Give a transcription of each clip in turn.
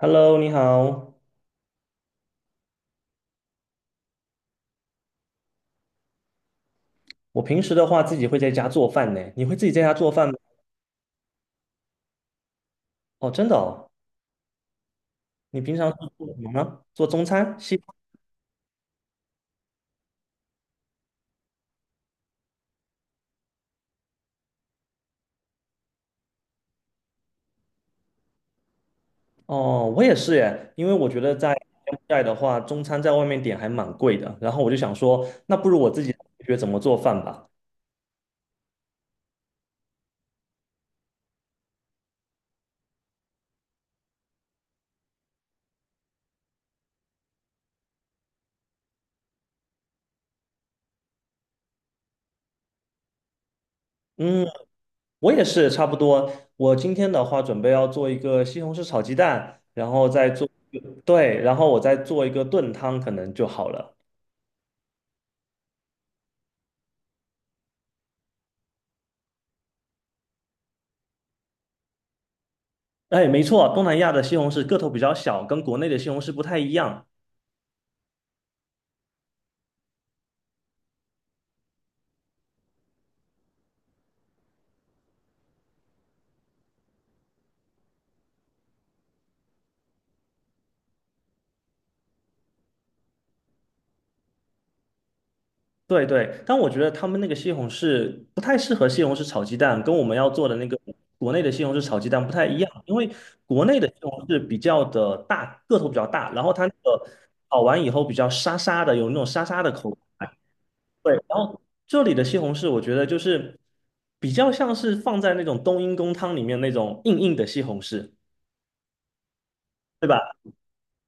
Hello，你好。我平时的话自己会在家做饭呢。你会自己在家做饭吗？哦，真的哦。你平常是做什么呢？做中餐、西餐哦，我也是耶。因为我觉得在柬埔寨的话，中餐在外面点还蛮贵的。然后我就想说，那不如我自己学怎么做饭吧。嗯，我也是差不多。我今天的话准备要做一个西红柿炒鸡蛋，然后再做，对，然后我再做一个炖汤，可能就好了。哎，没错，东南亚的西红柿个头比较小，跟国内的西红柿不太一样。对对，但我觉得他们那个西红柿不太适合西红柿炒鸡蛋，跟我们要做的那个国内的西红柿炒鸡蛋不太一样，因为国内的西红柿比较的大，个头比较大，然后它那个炒完以后比较沙沙的，有那种沙沙的口感。对，然后这里的西红柿我觉得就是比较像是放在那种冬阴功汤里面那种硬硬的西红柿，对吧？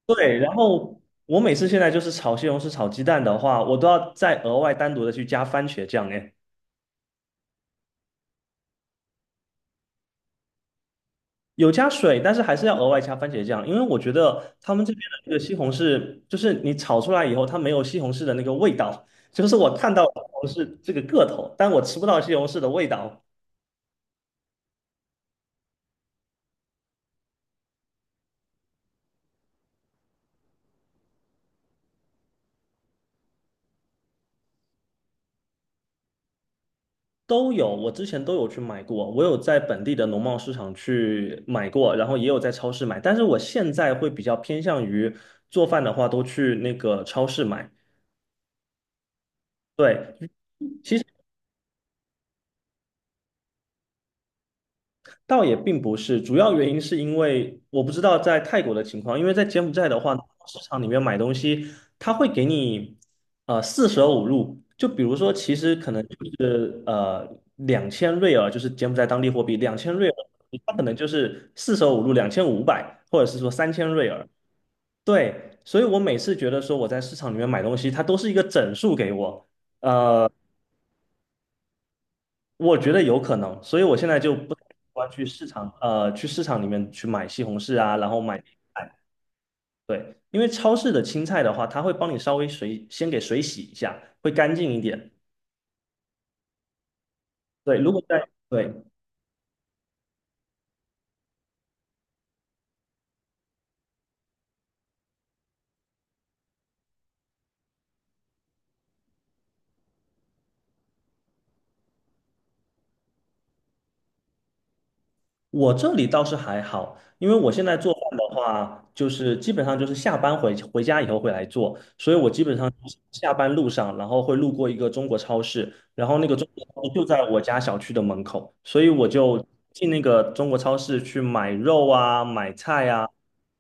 对，然后我每次现在就是炒西红柿、炒鸡蛋的话，我都要再额外单独的去加番茄酱。哎，有加水，但是还是要额外加番茄酱，因为我觉得他们这边的这个西红柿，就是你炒出来以后，它没有西红柿的那个味道。就是我看到了西红柿这个个头，但我吃不到西红柿的味道。都有，我之前都有去买过，我有在本地的农贸市场去买过，然后也有在超市买，但是我现在会比较偏向于做饭的话，都去那个超市买。对，其实倒也并不是，主要原因是因为我不知道在泰国的情况，因为在柬埔寨的话，市场里面买东西，他会给你四舍五入，就比如说，其实可能就是两千瑞尔，就是柬埔寨当地货币两千瑞尔，它可能就是四舍五入2500，或者是说3000瑞尔。对，所以我每次觉得说我在市场里面买东西，它都是一个整数给我。呃。我觉得有可能，所以我现在就不太喜欢去市场，呃，去市场里面去买西红柿啊，然后买，对，因为超市的青菜的话，它会帮你稍微水，先给水洗一下，会干净一点。对，如果在，对，我这里倒是还好，因为我现在做饭的话，就是基本上就是下班回家以后会来做，所以我基本上就是下班路上，然后会路过一个中国超市，然后那个中国超市就在我家小区的门口，所以我就进那个中国超市去买肉啊、买菜啊，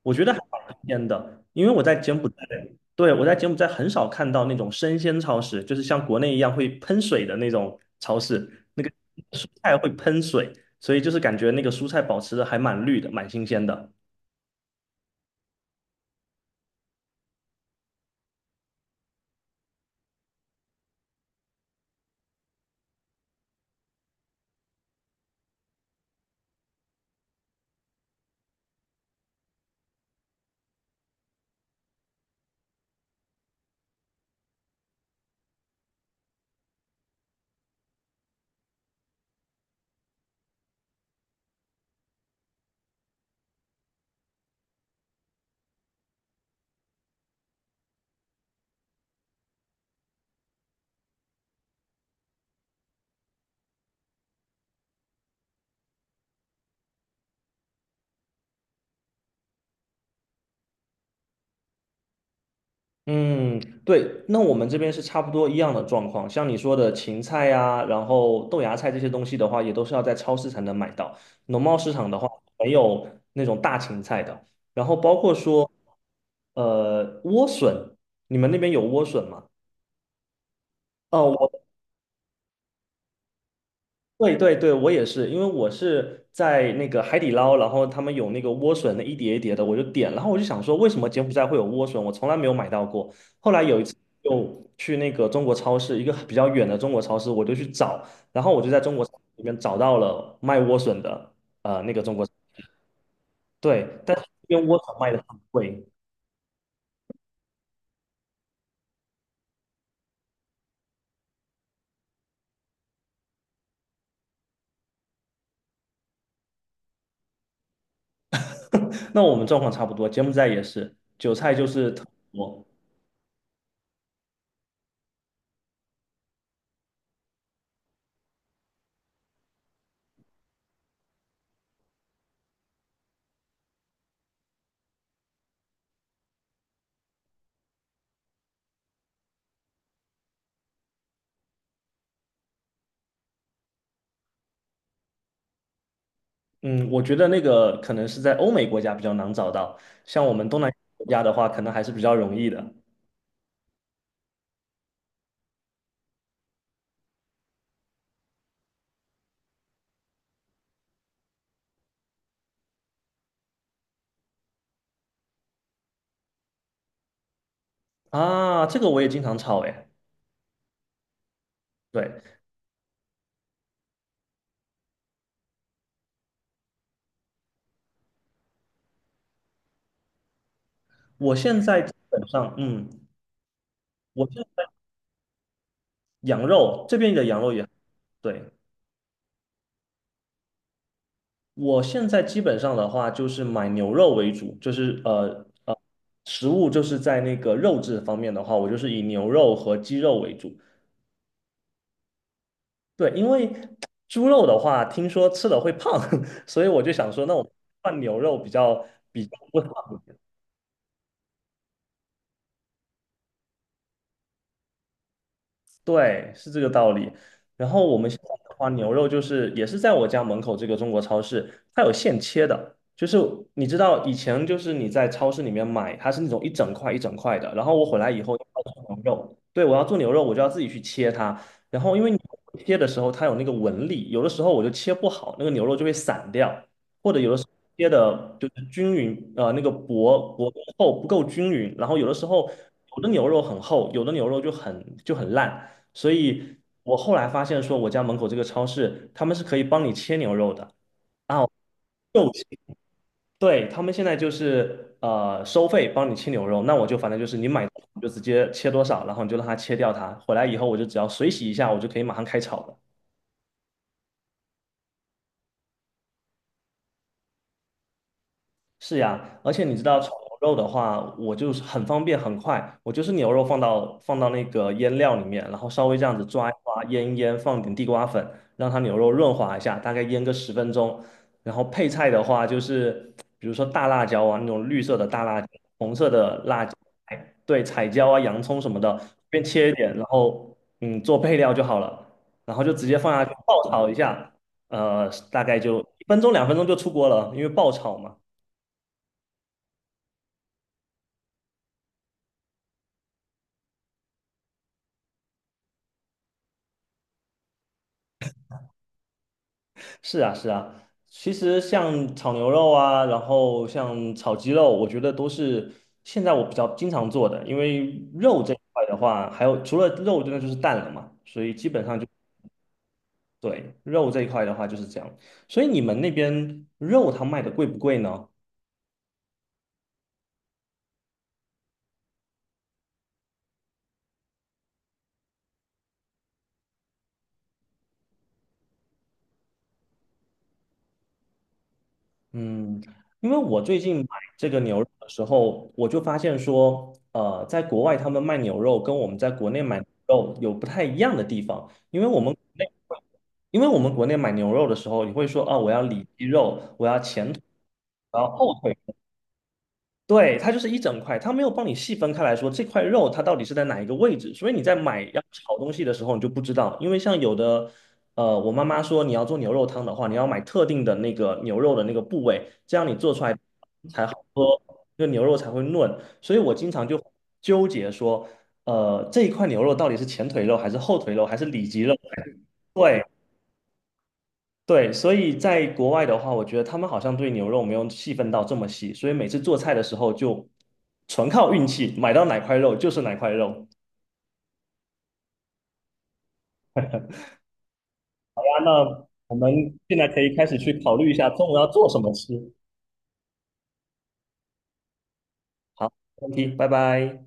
我觉得还蛮新鲜的，因为我在柬埔寨，对，我在柬埔寨很少看到那种生鲜超市，就是像国内一样会喷水的那种超市，那个蔬菜会喷水。所以就是感觉那个蔬菜保持的还蛮绿的，蛮新鲜的。嗯，对，那我们这边是差不多一样的状况。像你说的芹菜呀、然后豆芽菜这些东西的话，也都是要在超市才能买到。农贸市场的话，没有那种大芹菜的。然后包括说，莴笋，你们那边有莴笋吗？哦，我。对对对，我也是，因为我是在那个海底捞，然后他们有那个莴笋的一碟一碟的，我就点，然后我就想说，为什么柬埔寨会有莴笋？我从来没有买到过。后来有一次就去那个中国超市，一个比较远的中国超市，我就去找，然后我就在中国超市里面找到了卖莴笋的，那个中国，对，但是这边莴笋卖的很贵。那我们状况差不多，柬埔寨也是，韭菜就是特别多嗯，我觉得那个可能是在欧美国家比较难找到，像我们东南亚国家的话，可能还是比较容易的啊。这个我也经常炒诶。对，我现在基本上，嗯，我现在羊肉这边的羊肉也对，我现在基本上的话就是买牛肉为主，就是食物就是在那个肉质方面的话，我就是以牛肉和鸡肉为主。对，因为猪肉的话，听说吃了会胖，所以我就想说，那我换牛肉比较不胖。对，是这个道理。然后我们现在的话，牛肉就是也是在我家门口这个中国超市，它有现切的。就是你知道以前就是你在超市里面买，它是那种一整块一整块的。然后我回来以后要做牛肉，对，我要做牛肉，我就要自己去切它。然后因为你切的时候它有那个纹理，有的时候我就切不好，那个牛肉就会散掉，或者有的时候切的就是均匀，呃，那个薄薄厚不够均匀。然后有的时候有的牛肉很厚，有的牛肉就很烂。所以我后来发现说，我家门口这个超市他们是可以帮你切牛肉的啊，肉切，对，他们现在就是收费帮你切牛肉，那我就反正就是你买你就直接切多少，然后你就让他切掉它，回来以后我就只要水洗一下，我就可以马上开炒了。是呀，而且你知道炒牛肉的话，我就是很方便很快，我就是牛肉放到那个腌料里面，然后稍微这样子抓一抓，腌一腌，放点地瓜粉，让它牛肉润滑一下，大概腌个10分钟。然后配菜的话，就是比如说大辣椒啊，那种绿色的大辣椒、红色的辣椒，哎对，彩椒啊、洋葱什么的，随便切一点，然后嗯做配料就好了，然后就直接放下去爆炒一下，大概就1分钟2分钟就出锅了，因为爆炒嘛。是啊，是啊，其实像炒牛肉啊，然后像炒鸡肉，我觉得都是现在我比较经常做的，因为肉这一块的话，还有除了肉，真的就是蛋了嘛，所以基本上就对肉这一块的话就是这样。所以你们那边肉它卖的贵不贵呢？嗯，因为我最近买这个牛肉的时候，我就发现说，在国外他们卖牛肉跟我们在国内买牛肉有不太一样的地方，因为我们国内，因为我们国内买牛肉的时候，你会说啊，我要里脊肉，我要前腿，我要后腿。对，它就是一整块，它没有帮你细分开来说这块肉它到底是在哪一个位置，所以你在买要炒东西的时候你就不知道，因为像有的，我妈妈说你要做牛肉汤的话，你要买特定的那个牛肉的那个部位，这样你做出来才好喝，这牛肉才会嫩，所以我经常就纠结说，这一块牛肉到底是前腿肉还是后腿肉还是里脊肉？对。对，所以在国外的话，我觉得他们好像对牛肉没有细分到这么细，所以每次做菜的时候就纯靠运气，买到哪块肉就是哪块肉。啊那我们现在可以开始去考虑一下中午要做什么吃。好，没问题，拜拜。